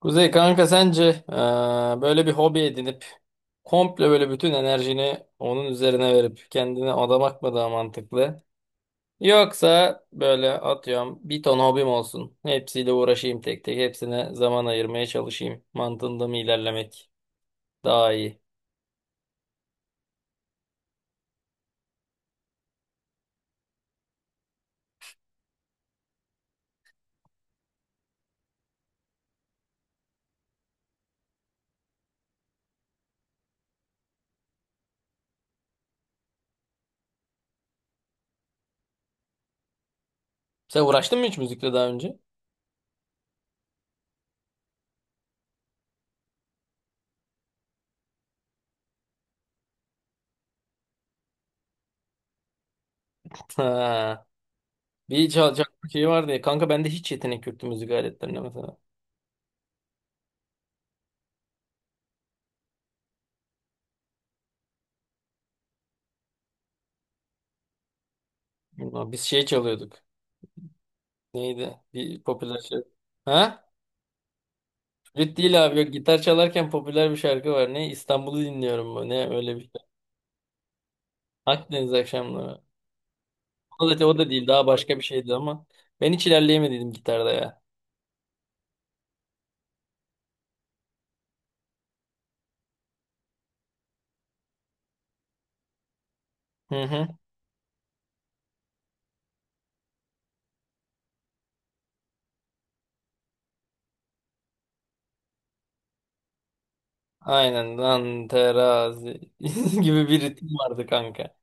Kuzey kanka sence eee, böyle bir hobi edinip komple böyle bütün enerjini onun üzerine verip kendine adamak mı daha mantıklı? Yoksa böyle atıyorum bir ton hobim olsun. Hepsiyle uğraşayım tek tek. Hepsine zaman ayırmaya çalışayım. Mantığında mı ilerlemek daha iyi? Sen uğraştın mı hiç müzikle daha önce? Ha. Bir çalacak şey vardı ya. Kanka bende hiç yetenek yoktu müzik aletlerine mesela. Biz şey çalıyorduk. Neydi? Bir popüler şey. Ha? Evet değil abi. Yok, gitar çalarken popüler bir şarkı var. Ne İstanbul'u dinliyorum mu? Ne öyle bir şey. Akdeniz akşamları. O da, o da değil. Daha başka bir şeydi ama. Ben hiç ilerleyemediydim gitarda ya. Hı hı. Aynen. Lan terazi gibi bir ritim vardı kanka.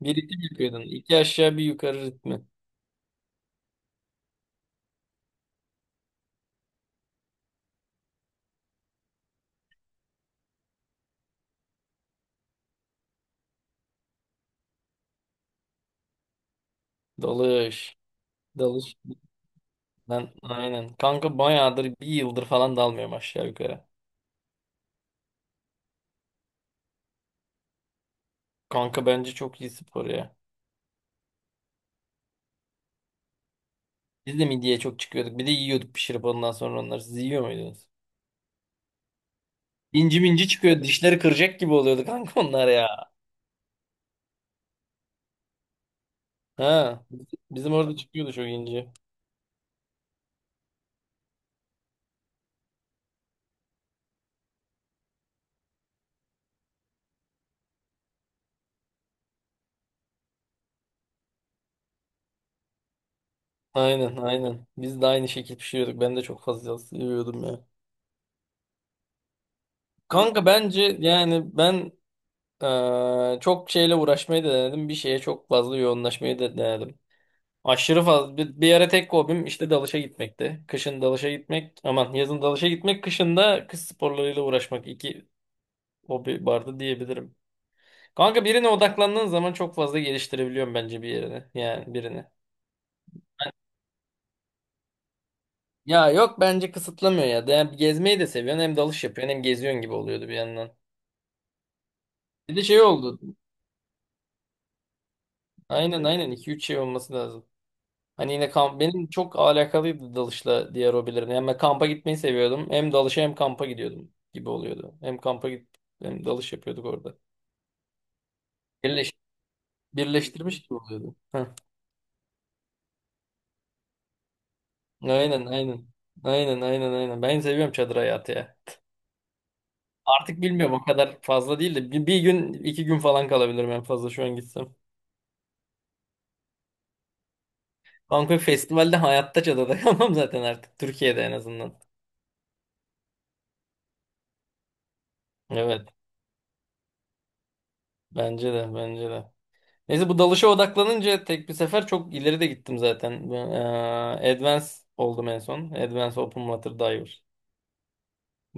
Bir ritim yapıyordun. İki aşağı bir yukarı ritmi. Dalış. Dalış. Ben, aynen. Kanka bayağıdır bir yıldır falan dalmıyorum aşağı yukarı. Kanka bence çok iyi spor ya. Biz de midyeye çok çıkıyorduk. Bir de yiyorduk pişirip ondan sonra onları. Siz yiyor muydunuz? İnci minci çıkıyor. Dişleri kıracak gibi oluyordu kanka onlar ya. Ha. Bizim orada çıkıyordu çok inci. Aynen aynen. Biz de aynı şekil pişiriyorduk. Ben de çok fazla seviyordum ya. Kanka bence yani ben çok şeyle uğraşmayı da denedim. Bir şeye çok fazla yoğunlaşmayı da denedim. Aşırı fazla. Bir ara tek hobim işte dalışa gitmekti. Kışın dalışa gitmek. Aman yazın dalışa gitmek. Kışın da kış sporlarıyla uğraşmak. İki hobi vardı diyebilirim. Kanka birine odaklandığın zaman çok fazla geliştirebiliyorum bence bir yerini. Yani birini. Ya yok bence kısıtlamıyor ya. De, hem gezmeyi de seviyorsun hem dalış yapıyorsun hem geziyorsun gibi oluyordu bir yandan. Bir de şey oldu. Aynen aynen, iki üç şey olması lazım. Hani yine kamp benim çok alakalıydı dalışla diğer hobilerim. Yani ben kampa gitmeyi seviyordum. Hem dalışa hem kampa gidiyordum gibi oluyordu. Hem kampa git hem dalış yapıyorduk orada. Birleş, birleştirmiş gibi oluyordu. Heh. Aynen aynen. Aynen aynen aynen. Ben seviyorum çadır hayatı ya. Artık bilmiyorum o kadar fazla değil de bir gün iki gün falan kalabilirim en fazla şu an gitsem. Bangkok Festival'de hayatta çadada kalmam zaten artık Türkiye'de en azından. Evet, bence de bence de. Neyse bu dalışa odaklanınca tek bir sefer çok ileri de gittim zaten. Ben, Advance oldum en son. Advance Open Water Diver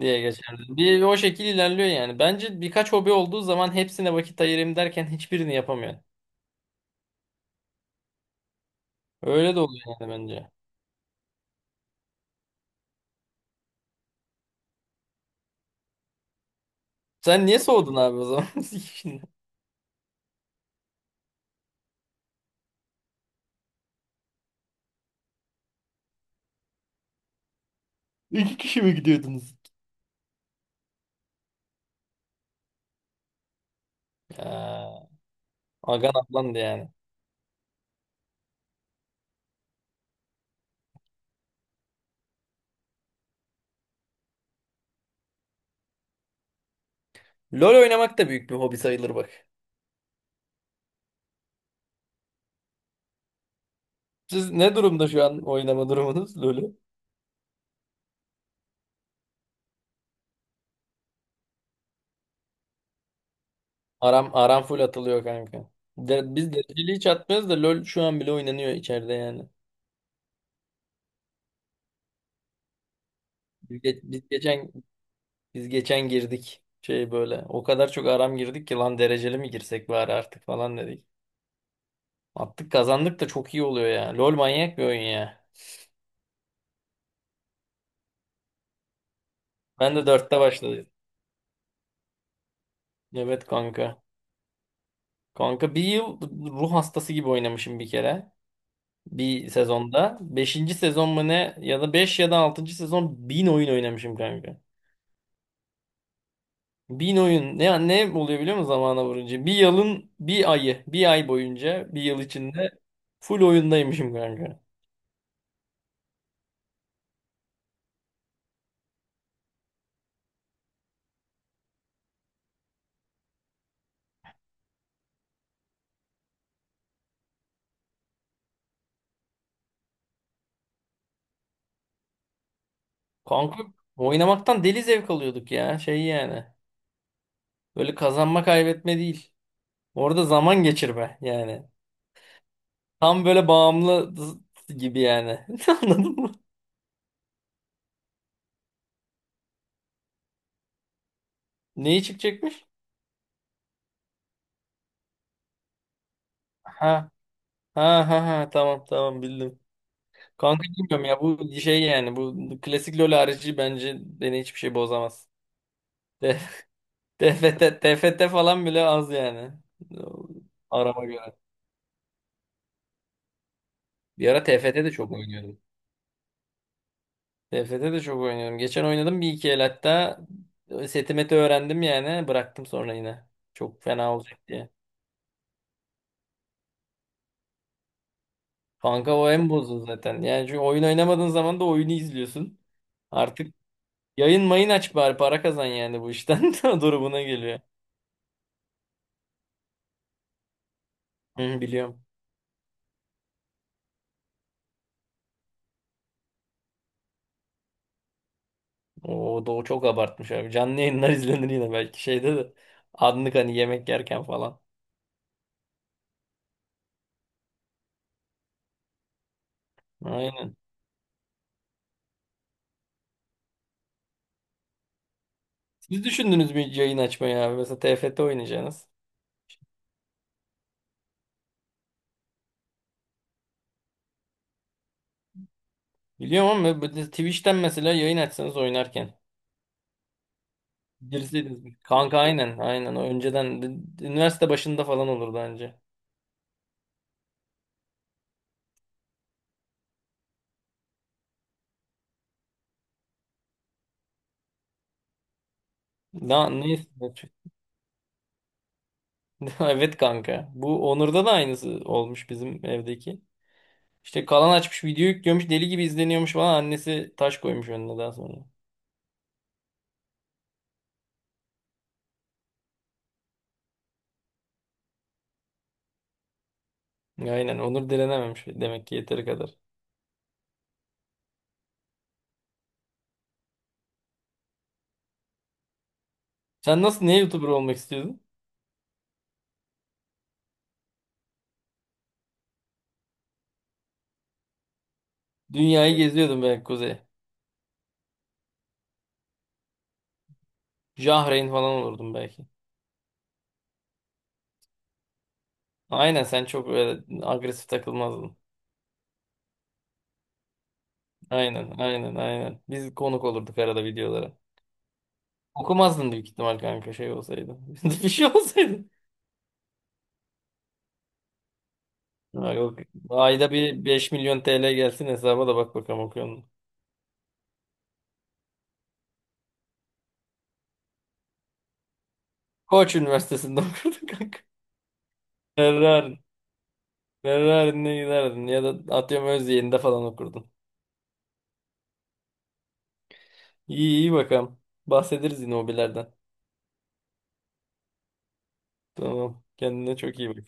diye geçer. Bir o şekil ilerliyor yani. Bence birkaç hobi olduğu zaman hepsine vakit ayırayım derken hiçbirini yapamıyor. Öyle de oluyor yani bence. Sen niye soğudun abi o zaman? İki kişi mi gidiyordunuz? Ha, Agan ablandı yani. LoL oynamak da büyük bir hobi sayılır bak. Siz ne durumda şu an oynama durumunuz LoL'ü? Aram, aram full atılıyor kanka. De, biz dereceli hiç atmıyoruz da LoL şu an bile oynanıyor içeride yani. Biz, ge- biz geçen biz geçen girdik şey böyle. O kadar çok aram girdik ki lan dereceli mi girsek bari artık falan dedik. Attık kazandık da çok iyi oluyor ya. LoL manyak bir oyun ya. Ben de dörtte başladım. Evet kanka. Kanka bir yıl ruh hastası gibi oynamışım bir kere bir sezonda. Beşinci sezon mu ne ya da 5 ya da altıncı sezon 1.000 oyun oynamışım kanka. 1.000 oyun ne oluyor biliyor musun zamana vurunca? Bir yılın bir ayı, bir ay boyunca bir yıl içinde full oyundaymışım kanka. Kanka oynamaktan deli zevk alıyorduk ya şey yani. Böyle kazanma kaybetme değil. Orada zaman geçirme yani. Tam böyle bağımlı gibi yani. Anladın mı? Neyi çıkacakmış? Ha ha ha ha, tamam tamam bildim. Kanka bilmiyorum ya bu şey yani bu klasik LoL harici bence beni hiçbir şey bozamaz. De- TFT falan bile az yani. Arama göre. Bir ara TFT de çok oynuyordum. TFT de çok oynuyorum. Geçen oynadım bir iki el hatta setimeti öğrendim yani bıraktım sonra yine. Çok fena olacak diye. Kanka o en bozdu zaten. Yani çünkü oyun oynamadığın zaman da oyunu izliyorsun. Artık yayın mayın aç bari para kazan yani bu işten. Durumuna geliyor. Hı, biliyorum. O Doğu çok abartmış abi. Canlı yayınlar izlenir yine belki şeyde de. Anlık hani yemek yerken falan. Aynen. Siz düşündünüz mü hiç yayın açmayı abi? Mesela TFT oynayacaksınız. Biliyorum ama böyle Twitch'ten mesela yayın açsanız oynarken. Girseydiniz. Kanka aynen aynen. O önceden üniversite başında falan olurdu bence. Na, neyse. Evet kanka. Bu Onur'da da aynısı olmuş bizim evdeki. İşte kalan açmış, video yüklüyormuş, deli gibi izleniyormuş falan, annesi taş koymuş önüne daha sonra. Aynen Onur direnememiş demek ki yeteri kadar. Sen nasıl ne YouTuber olmak istiyordun? Dünyayı geziyordun belki Kuzey. Jahreyn falan olurdun belki. Aynen sen çok öyle agresif takılmazdın. Aynen aynen aynen. Biz konuk olurduk arada videolara. Okumazdın büyük ihtimal kanka şey olsaydı. Bir şey olsaydı. Ha, yok. Ayda bir 5.000.000 TL gelsin hesaba da bak bakalım okuyor musun? Koç Üniversitesi'nde okurdun kanka. Ferrari. Ferrari'ne giderdin ya da atıyorum Özyeğin'de falan okurdun. İyi iyi bakalım. Bahsederiz yine hobilerden. Tamam. Kendine çok iyi bak.